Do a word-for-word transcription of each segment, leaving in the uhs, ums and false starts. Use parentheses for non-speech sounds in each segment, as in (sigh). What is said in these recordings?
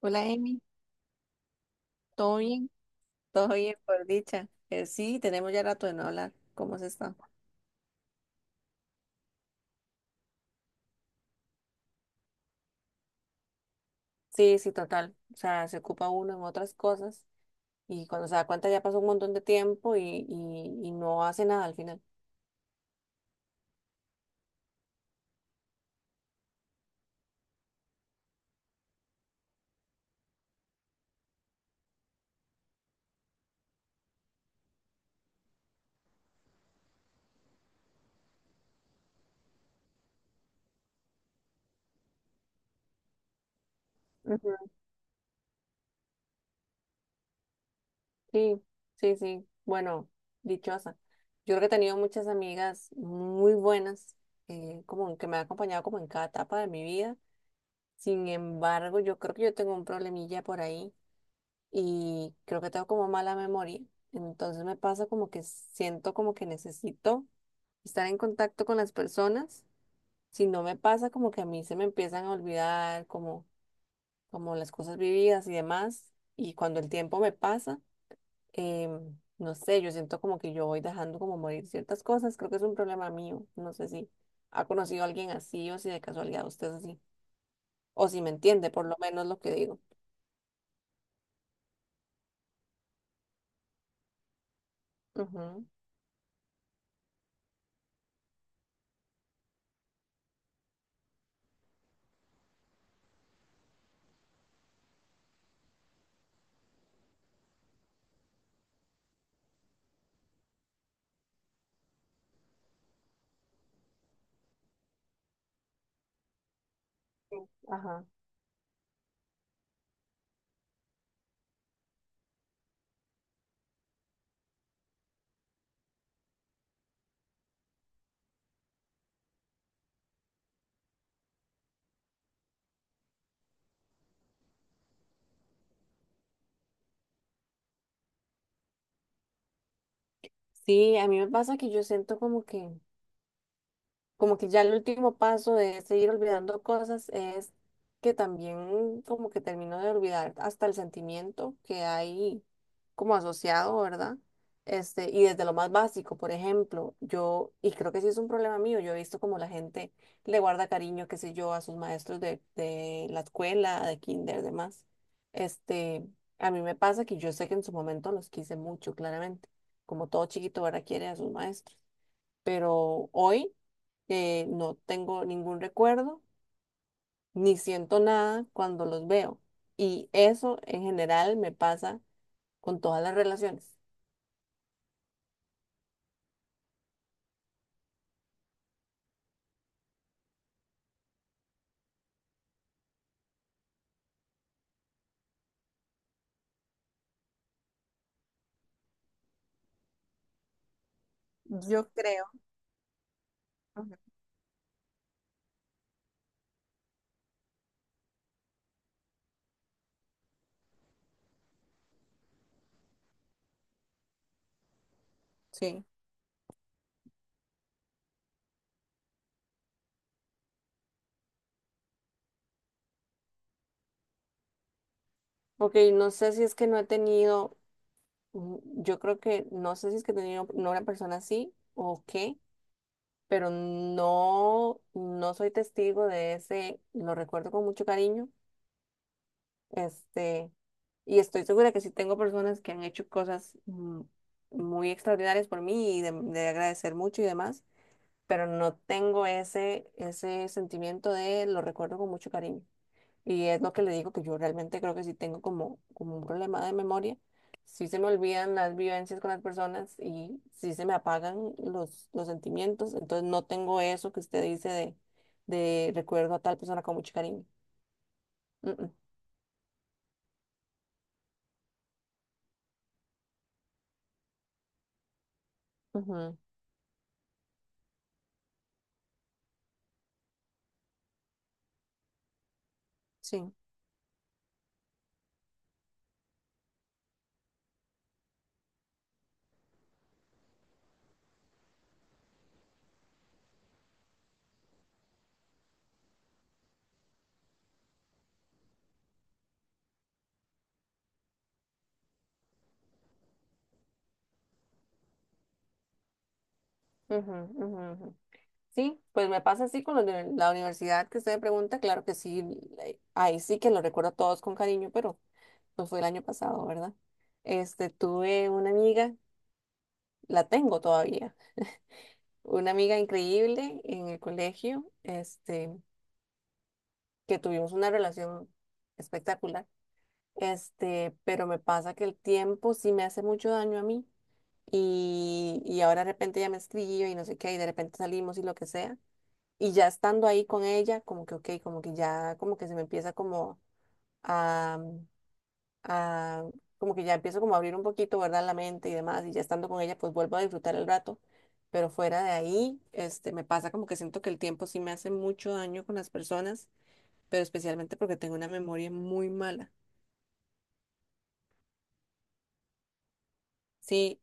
Hola, Emi. ¿Todo bien? Todo bien, por dicha. Eh, sí, tenemos ya rato de no hablar. ¿Cómo se está? Sí, sí, total. O sea, se ocupa uno en otras cosas y cuando se da cuenta ya pasó un montón de tiempo y, y, y no hace nada al final. Ujú. Sí, sí, sí. Bueno, dichosa. Yo creo que he tenido muchas amigas muy buenas, eh, como que me han acompañado como en cada etapa de mi vida. Sin embargo, yo creo que yo tengo un problemilla por ahí y creo que tengo como mala memoria. Entonces me pasa como que siento como que necesito estar en contacto con las personas. Si no me pasa como que a mí se me empiezan a olvidar como, como las cosas vividas y demás. Y cuando el tiempo me pasa, em, no sé, yo siento como que yo voy dejando como morir ciertas cosas. Creo que es un problema mío. No sé si ha conocido a alguien así o si de casualidad usted es así. O si me entiende por lo menos lo que digo. Ujú. Sí. Ajá. Sí, a mí me pasa que yo siento como que como que ya el último paso de seguir olvidando cosas es que también como que termino de olvidar hasta el sentimiento que hay como asociado, ¿verdad? Este, y desde lo más básico, por ejemplo, yo, y creo que sí es un problema mío, yo he visto como la gente le guarda cariño, qué sé yo, a sus maestros de, de la escuela, de kinder, demás. Este, a mí me pasa que yo sé que en su momento los quise mucho, claramente, como todo chiquito ahora quiere a sus maestros, pero hoy eh, no tengo ningún recuerdo ni siento nada cuando los veo. Y eso en general me pasa con todas las relaciones. Yo creo. Ujú. Sí. Ok, no sé si es que no he tenido, mm, yo creo que no sé si es que he tenido no una persona así o qué, pero no, no soy testigo de ese, lo recuerdo con mucho cariño. este, Y estoy segura que sí tengo personas que han hecho cosas, mm, muy extraordinarias por mí y de, de agradecer mucho y demás, pero no tengo ese, ese sentimiento de lo recuerdo con mucho cariño. Y es lo que le digo que yo realmente creo que sí tengo como, como un problema de memoria. Sí se me olvidan las vivencias con las personas y sí se me apagan los, los sentimientos. Entonces no tengo eso que usted dice de, de recuerdo a tal persona con mucho cariño. Mm, mm, ujú, sí. Ujú, ujú, ujú. Sí, pues me pasa así con los de la universidad que usted me pregunta, claro que sí, eh, ahí sí que lo recuerdo a todos con cariño, pero no fue el año pasado, ¿verdad? Este, tuve una amiga, la tengo todavía, una amiga increíble en el colegio, este, que tuvimos una relación espectacular. Este, pero me pasa que el tiempo sí me hace mucho daño a mí y, y ahora de repente ya me escribe y no sé qué, y de repente salimos y lo que sea. Y ya estando ahí con ella, como que, ok, como que ya, como que se me empieza como a, a- como que ya empiezo como a abrir un poquito, ¿verdad? La mente y demás, y ya estando con ella, pues vuelvo a disfrutar el rato. Pero fuera de ahí, este, me pasa como que siento que el tiempo sí me hace mucho daño con las personas, pero especialmente porque tengo una memoria muy mala. Sí.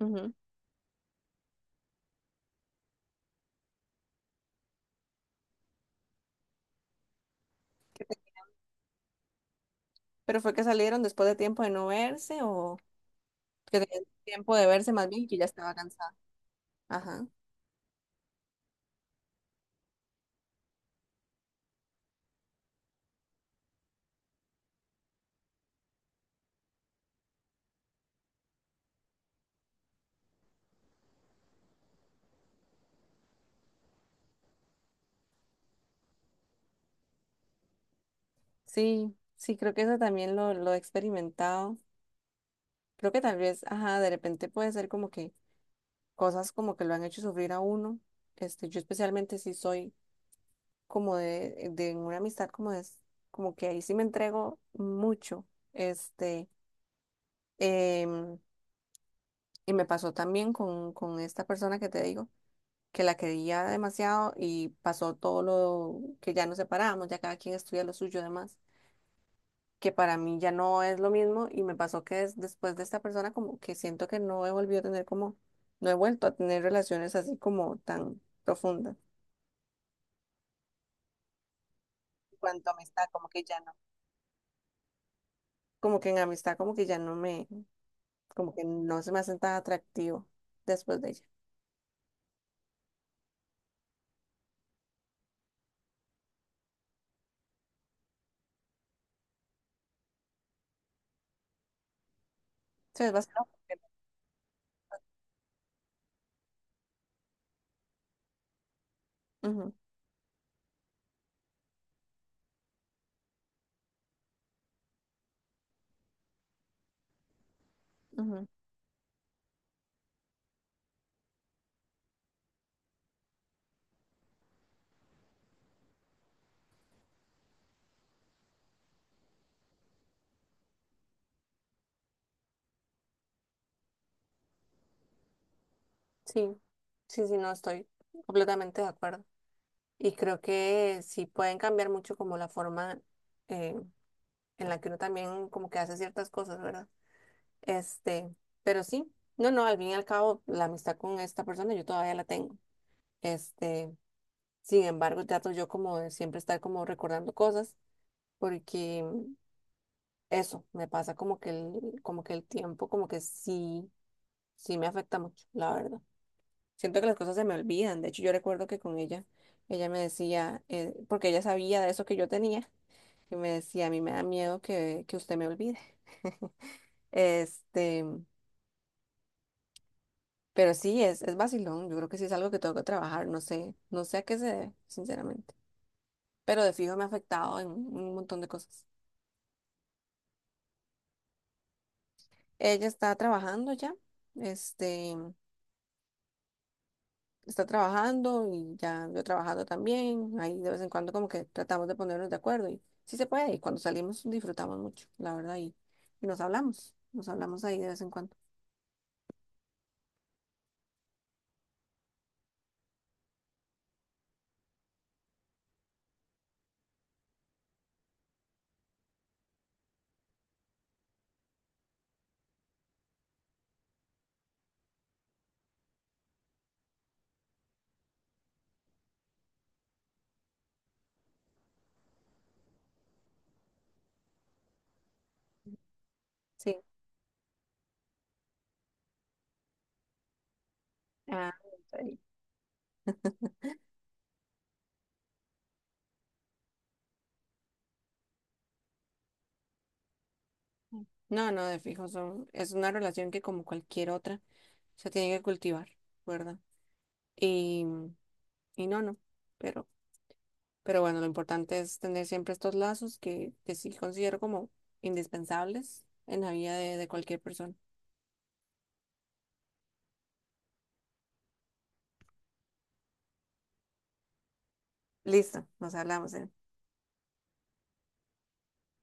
Ujú. ¿Qué te- Pero fue que salieron después de tiempo de no verse o que tenían tiempo de verse más bien y que ya estaba cansada. Ajá. Sí, sí, creo que eso también lo, lo he experimentado. Creo que tal vez, ajá, de repente puede ser como que cosas como que lo han hecho sufrir a uno. Este, yo especialmente sí soy como de, de una amistad como es, como que ahí sí me entrego mucho. Este, em, y me pasó también con, con esta persona que te digo, que la quería demasiado y pasó todo lo que ya nos separamos, ya cada quien estudia lo suyo y demás, que para mí ya no es lo mismo y me pasó que des- después de esta persona como que siento que no he volvido a tener como, no he vuelto a tener relaciones así como tan profundas. En cuanto a amistad, como que ya no, como que en amistad como que ya no me, como que no se me hace tan atractivo después de ella. Sí, es bastante- Ujú, ujú. Sí, sí, sí, no estoy completamente de acuerdo. Y creo que sí pueden cambiar mucho como la forma eh, en la que uno también como que hace ciertas cosas, ¿verdad? Este, pero sí, no, no, al fin y al cabo, la amistad con esta persona yo todavía la tengo. Este, Sin embargo, trato yo como de siempre estar como recordando cosas, porque eso me pasa como que el, como que el tiempo, como que sí, sí me afecta mucho, la verdad. Siento que las cosas se me olvidan. De hecho, yo recuerdo que con ella, ella me decía, eh, porque ella sabía de eso que yo tenía, y me decía, a mí me da miedo que, que usted me olvide. (laughs) Este, Pero sí, es, es vacilón. Yo creo que sí es algo que tengo que trabajar. No sé, no sé a qué se debe, sinceramente. Pero de fijo me ha afectado en un montón de cosas. Ella está trabajando ya. Este, Está trabajando y ya yo trabajando también. Ahí de vez en cuando como que tratamos de ponernos de acuerdo y sí se puede. Y cuando salimos disfrutamos mucho, la verdad. Y, y nos hablamos, nos hablamos ahí de vez en cuando. Sí. Ah, está bien. No, no, de fijo son, es una relación que como cualquier otra se tiene que cultivar, ¿verdad? Y, y no, no. Pero, pero bueno, lo importante es tener siempre estos lazos que, que sí considero como indispensables en la vida de, de cualquier persona. Listo, nos hablamos. eh.